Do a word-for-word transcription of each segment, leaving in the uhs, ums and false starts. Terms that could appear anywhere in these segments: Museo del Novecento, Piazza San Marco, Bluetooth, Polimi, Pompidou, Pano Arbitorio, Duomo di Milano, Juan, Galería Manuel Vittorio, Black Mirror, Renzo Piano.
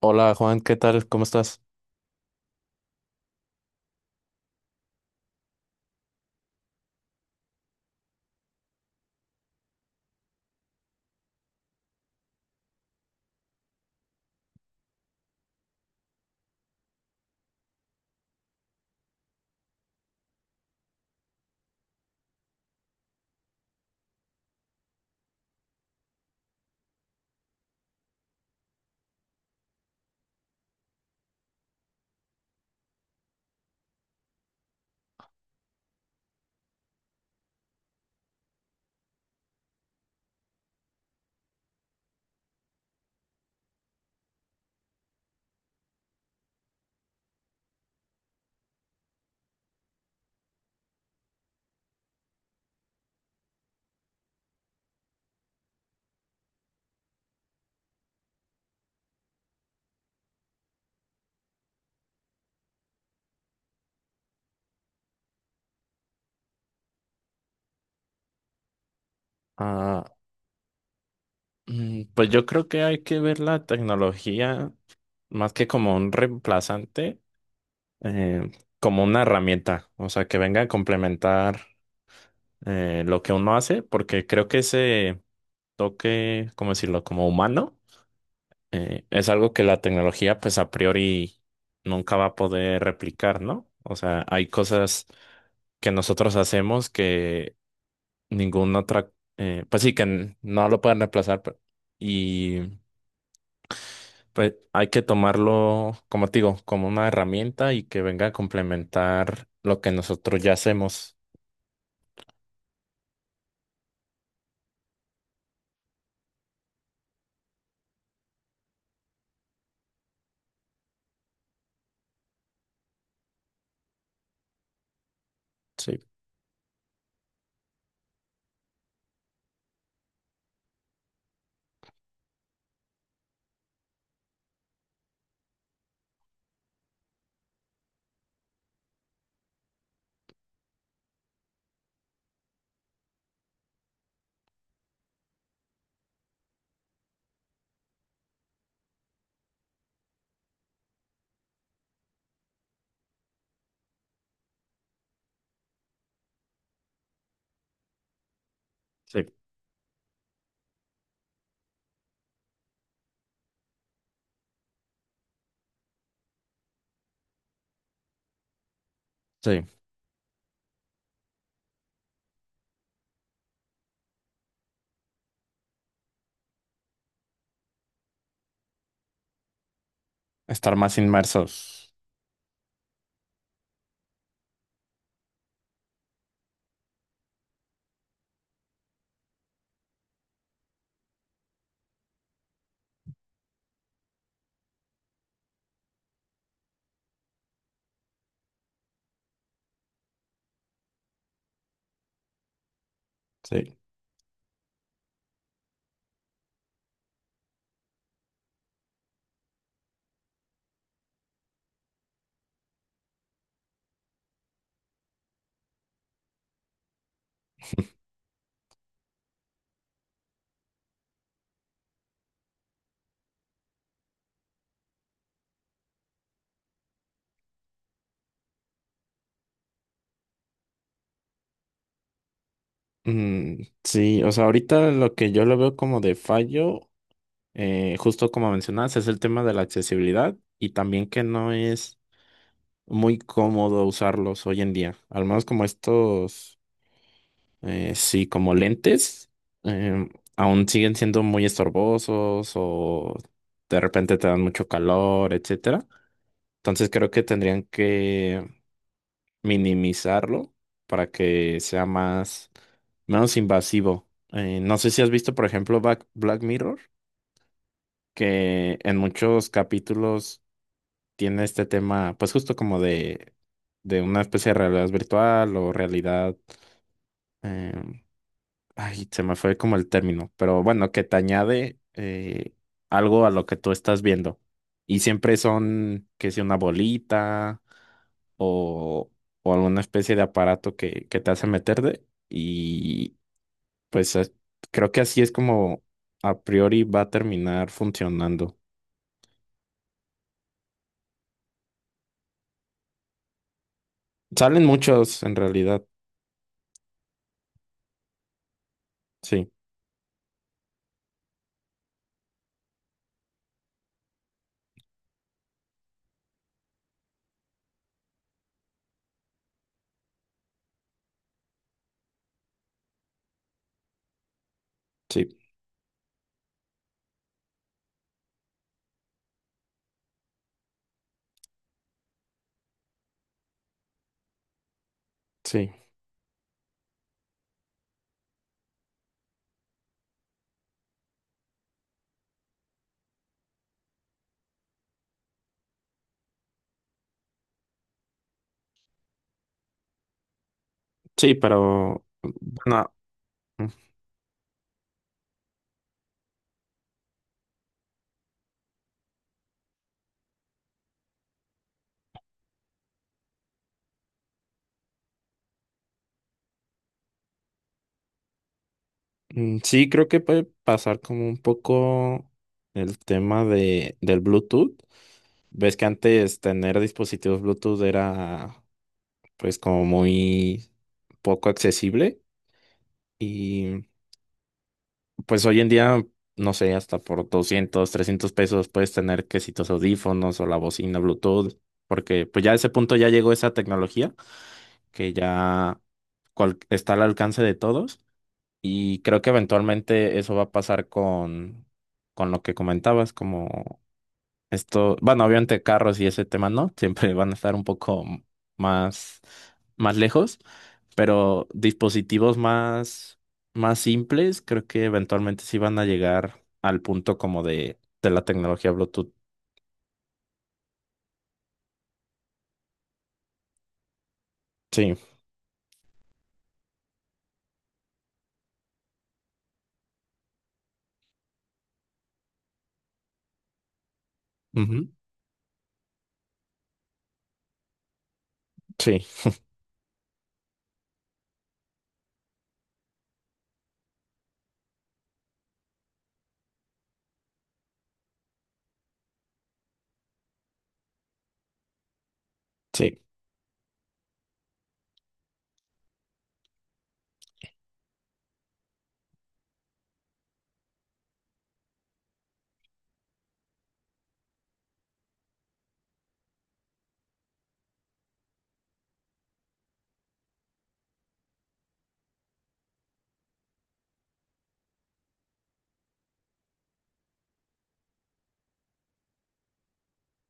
Hola Juan, ¿qué tal? ¿Cómo estás? Ah, mm, pues yo creo que hay que ver la tecnología más que como un reemplazante, eh, como una herramienta, o sea, que venga a complementar eh, lo que uno hace, porque creo que ese toque, ¿cómo decirlo?, como humano, eh, es algo que la tecnología pues a priori nunca va a poder replicar, ¿no? O sea, hay cosas que nosotros hacemos ninguna otra, eh, pues sí, que n- no lo pueden reemplazar pe- y pues hay que tomarlo, como te digo, como una herramienta y que venga a complementar lo que nosotros ya hacemos. Sí, sí, sí, estar más inmersos. Sí. Mm, sí, o sea, ahorita lo que yo lo veo como de fallo, eh, justo como mencionas, es el tema de la accesibilidad y también que no es muy cómodo usarlos hoy en día, al menos como estos. Eh, sí, como lentes, em, aún siguen siendo muy estorbosos o de repente te dan mucho calor, etcétera. Entonces creo que tendrían que minimizarlo para que sea más menos invasivo. Eh, no sé si has visto, por ejemplo, Back- Black Mirror, que en muchos capítulos tiene este tema, pues justo como de, de una especie de realidad virtual o realidad em, Ay, se me fue como el término, pero bueno, que te añade eh, algo a lo que tú estás viendo. Y siempre son, que si una bolita o, o alguna especie de aparato que, que te hace meter de. Y pues as- creo que así es como a priori va a terminar funcionando. Salen muchos en realidad, sí, sí, sí, sí, pero bueno. Mm, Sí, creo que puede pasar como un poco el tema de, del Bluetooth. Ves que antes tener dispositivos Bluetooth era pues como muy poco accesible y pues hoy en día, no sé, hasta por doscientos, trescientos pesos puedes tener que si tus audífonos o la bocina Bluetooth, porque pues ya a ese punto ya llegó esa tecnología que ya cual- está al alcance de todos. Y creo que eventualmente eso va a pasar con, con lo que comentabas, como esto, bueno, obviamente carros y ese tema no, siempre van a estar un poco más, más lejos, pero dispositivos más, más simples, creo que eventualmente sí van a llegar al punto como de, de la tecnología Bluetooth. Sí, ujú, sí, sí.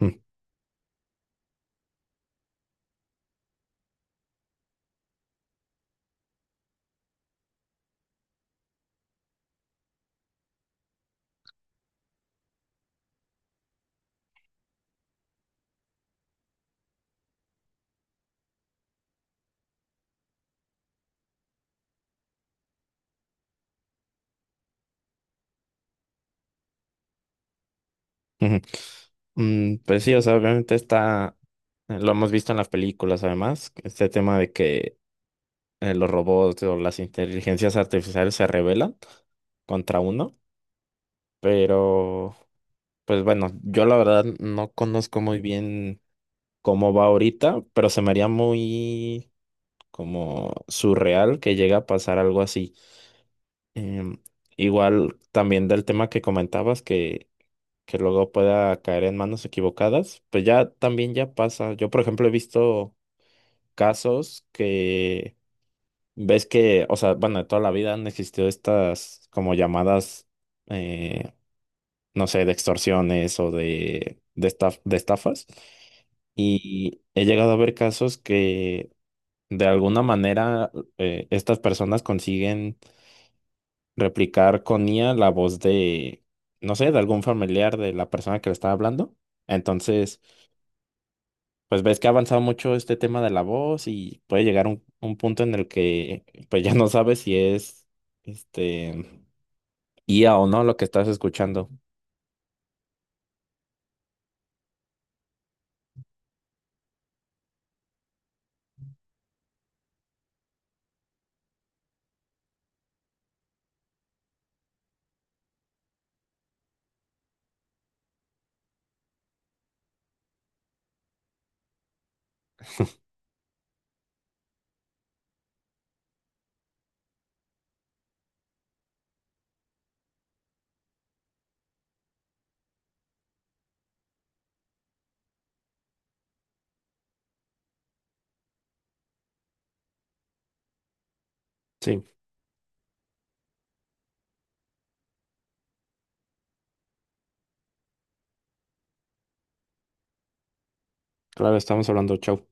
mm, Ujú. Mm, pues sí, o sea, obviamente está, eh, lo hemos visto en las películas además, este tema de que eh, los robots o las inteligencias artificiales se rebelan contra uno, pero pues bueno, yo la verdad no conozco muy bien cómo va ahorita, pero se me haría muy como surreal que llegue a pasar algo así. Em, Igual también del tema que comentabas que que luego pueda caer en manos equivocadas, pues ya también ya pasa. Yo, por ejemplo, he visto casos que ves que, o sea, bueno, de toda la vida han existido estas como llamadas, eh, no sé, de extorsiones o de, de, estaf- de estafas. Y he llegado a ver casos que de alguna manera eh, estas personas consiguen replicar con I A la voz de, no sé, de algún familiar de la persona que le está hablando. Entonces, pues ves que ha avanzado mucho este tema de la voz y puede llegar un, un punto en el que pues ya no sabes si es este I A o no lo que estás escuchando. Sí, claro, estamos hablando, chau.